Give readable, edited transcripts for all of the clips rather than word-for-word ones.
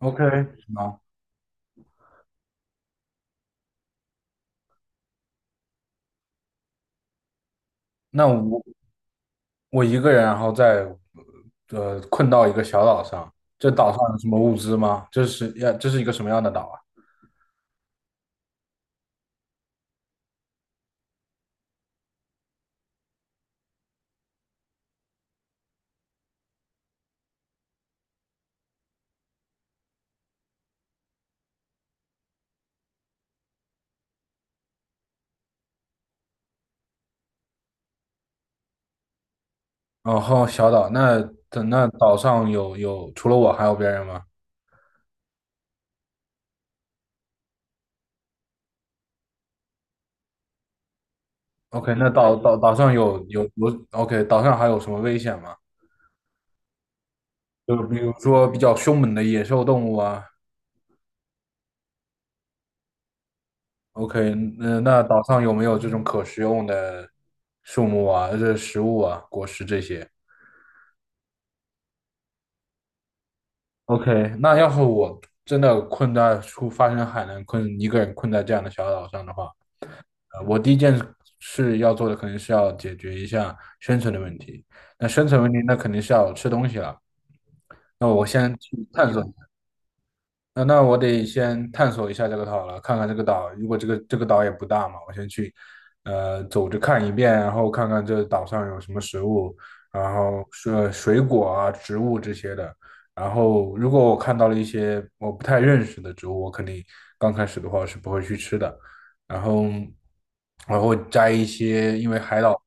OK，啊，那我一个人，然后再困到一个小岛上，这岛上有什么物资吗？这是一个什么样的岛啊？然后小岛，那那岛上有除了我还有别人吗？OK，那岛上有 OK，岛上还有什么危险吗？就比如说比较凶猛的野兽动物啊。OK，那那岛上有没有这种可食用的树木啊，这食物啊，果实这些？OK，那要是我真的困在出发生海难困，一个人困在这样的小岛上的话，我第一件事要做的肯定是要解决一下生存的问题。那生存问题，那肯定是要吃东西了。那我先去探索那我得先探索一下这个岛了，看看这个岛。如果这个岛也不大嘛，我先去，走着看一遍，然后看看这岛上有什么食物，然后是水果啊、植物这些的。然后如果我看到了一些我不太认识的植物，我肯定刚开始的话是不会去吃的。然后，然后摘一些，因为海岛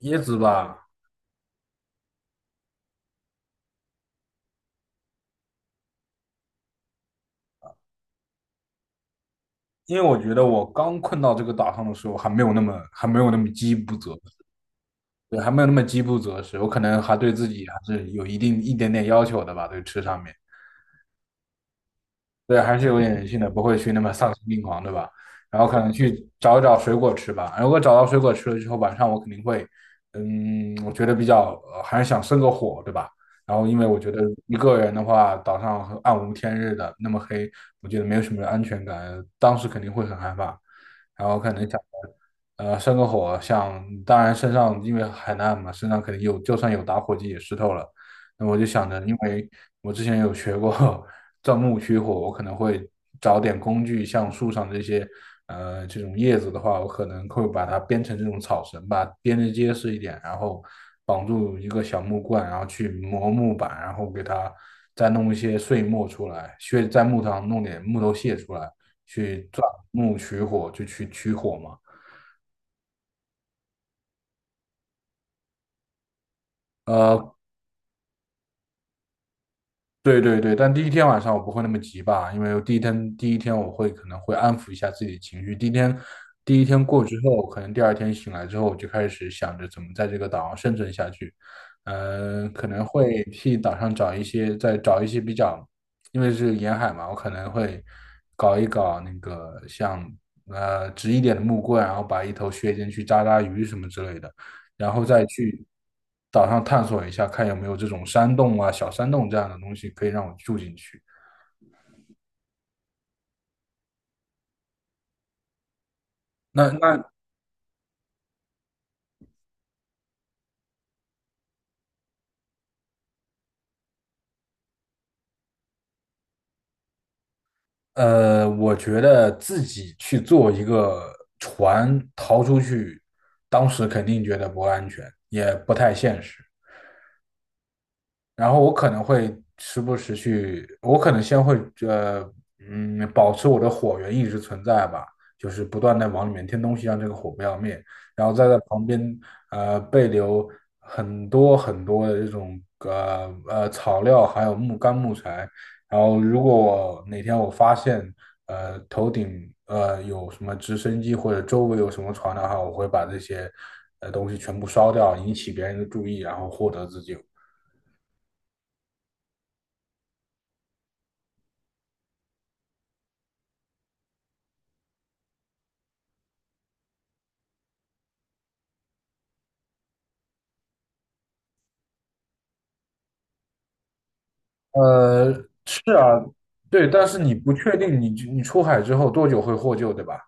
椰子吧，因为我觉得我刚困到这个岛上的时候还没有那么饥不择对，还没有那么饥不择食，我可能还对自己还是有一点点要求的吧，对吃上面。对，还是有点人性的，不会去那么丧心病狂，对吧？然后可能去找一找水果吃吧。如果找到水果吃了之后，晚上我肯定会，嗯，我觉得比较，还是想生个火，对吧？然后因为我觉得一个人的话，岛上很暗无天日的，那么黑，我觉得没有什么安全感，当时肯定会很害怕。然后可能想着，生个火，想当然身上因为海难嘛，身上肯定有，就算有打火机也湿透了。那我就想着，因为我之前有学过 钻木取火，我可能会找点工具，像树上这些这种叶子的话，我可能会把它编成这种草绳吧，编得结实一点，然后绑住一个小木棍，然后去磨木板，然后给它再弄一些碎末出来，削在木头上弄点木头屑出来，去钻木取火，就去取火嘛。呃，对对对，但第一天晚上我不会那么急吧，因为我第一天第一天我可能会安抚一下自己的情绪。第一天过之后，可能第二天醒来之后，我就开始想着怎么在这个岛上生存下去。嗯、可能会替岛上找一些，再找一些比较，因为是沿海嘛，我可能会搞一搞那个像直一点的木棍，然后把一头削尖去扎扎鱼什么之类的。然后再去岛上探索一下，看有没有这种山洞啊、小山洞这样的东西可以让我住进去。那我觉得自己去做一个船逃出去，当时肯定觉得不安全，也不太现实。然后我可能会时不时去，我可能先会呃保持我的火源一直存在吧，就是不断的往里面添东西，让这个火不要灭，然后再在旁边备留很多很多的这种草料，还有木干木材，然后如果我哪天我发现头顶有什么直升机或者周围有什么船的话，我会把这些东西全部烧掉，引起别人的注意，然后获得自救。呃，是啊，对，但是你不确定你你出海之后多久会获救，对吧？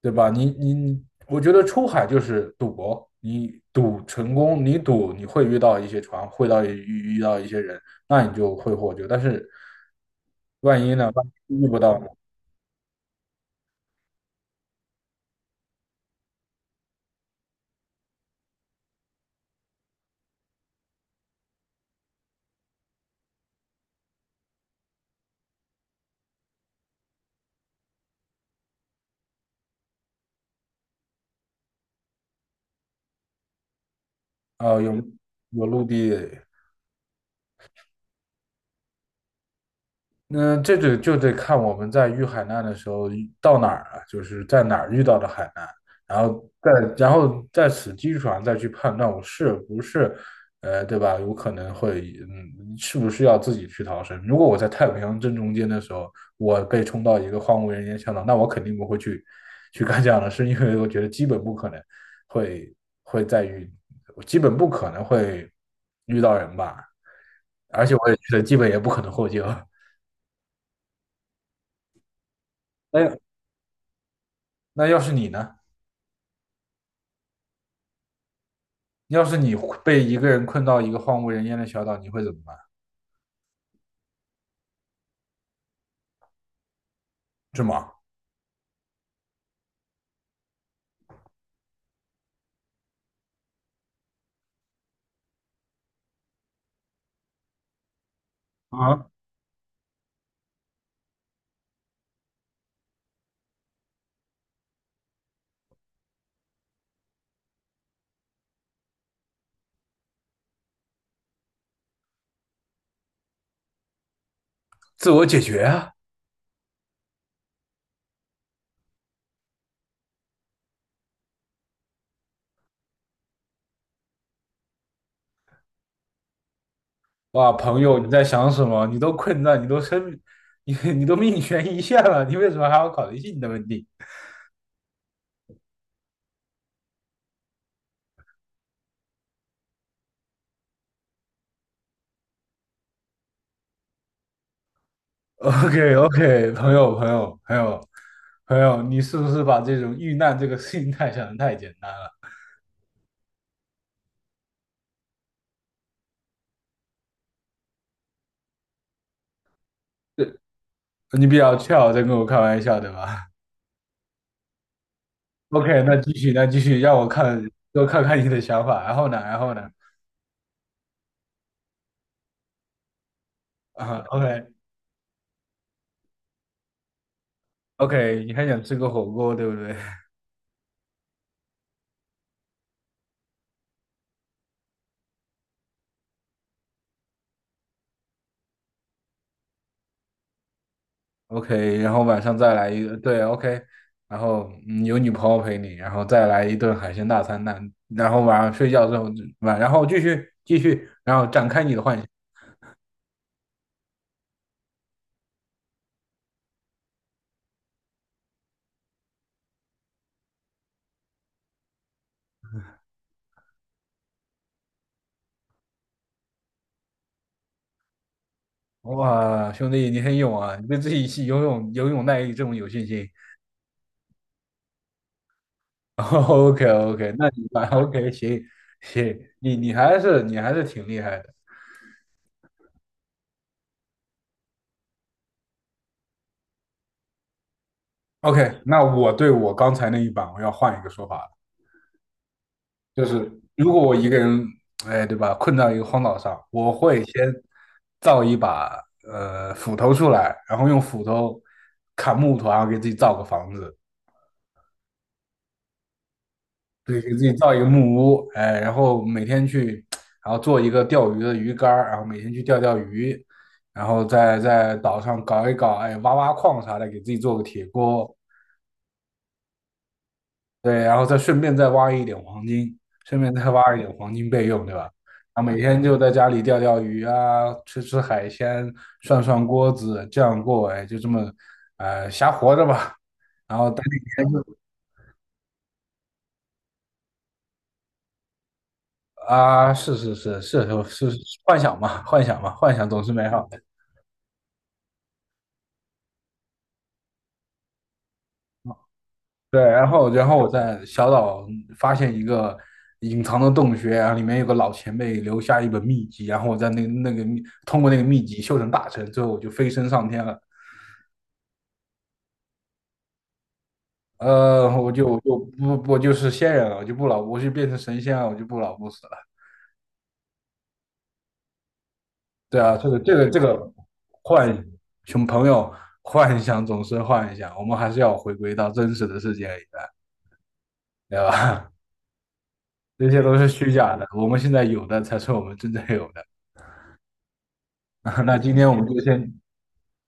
对吧？你我觉得出海就是赌博，你赌成功，你赌你会遇到一些船，会遇到一些人，那你就会获救。但是万一呢？万一遇不到呢？啊、有陆地，那这个就得看我们在遇海难的时候遇到哪儿了，就是在哪儿遇到的海难，然后再然后在此基础上再去判断我是不是，对吧？有可能会，嗯，是不是要自己去逃生？如果我在太平洋正中间的时候，我被冲到一个荒无人烟小岛，那我肯定不会去干这样的事，因为我觉得基本不可能会会再遇，基本不可能会遇到人吧，而且我也觉得基本也不可能获救。哎，那要是你呢？要是你被一个人困到一个荒无人烟的小岛，你会怎么办？这么啊，自我解决啊！哇，朋友，你在想什么？你都困在，你都生，你都命悬一线了，你为什么还要考虑性的问题？OK OK，朋友，你是不是把这种遇难这个心态想的太简单了？你比较 c 在跟我开玩笑，对吧？OK，那继续，那继续，让我看，多看看你的想法。然后呢？然后呢？啊，OK，OK，你还想吃个火锅，对不对 ？OK，然后晚上再来一个，对，OK，然后有女朋友陪你，然后再来一顿海鲜大餐，那然后晚上睡觉之后就晚，然后继续，然后展开你的幻想。哇，兄弟，你很勇啊！你对自己是游泳耐力这么有信心。OK OK，那你吧 OK 行行，你还是挺厉害的。OK，那我对我刚才那一版我要换一个说法了。就是如果我一个人，哎，对吧，困在一个荒岛上，我会先造一把斧头出来，然后用斧头砍木头，然后给自己造个房子，对，给自己造一个木屋，哎，然后每天去，然后做一个钓鱼的鱼竿儿，然后每天去钓钓鱼，然后再在岛上搞一搞，哎，挖挖矿啥的，给自己做个铁锅，对，然后再顺便再挖一点黄金，顺便再挖一点黄金备用，对吧？啊，每天就在家里钓钓鱼啊，吃吃海鲜，涮涮锅子，这样过，哎，就这么，瞎活着吧。然后啊，是，幻想嘛，幻想总是美好的。对，然后我在小岛发现一个隐藏的洞穴，然后里面有个老前辈留下一本秘籍，然后我在那个通过那个秘籍修成大成，最后我就飞升上天了。我就不我就是仙人了，我就不老，我就变成神仙了，我就不老不死了。对啊，这个幻熊朋友幻想总是幻想，我们还是要回归到真实的世界里的，对吧？这些都是虚假的，我们现在有的才是我们真正有的。那今天我们就先，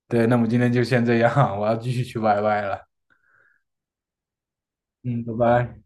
对，那么今天就先这样，我要继续去 YY 了。嗯，拜拜。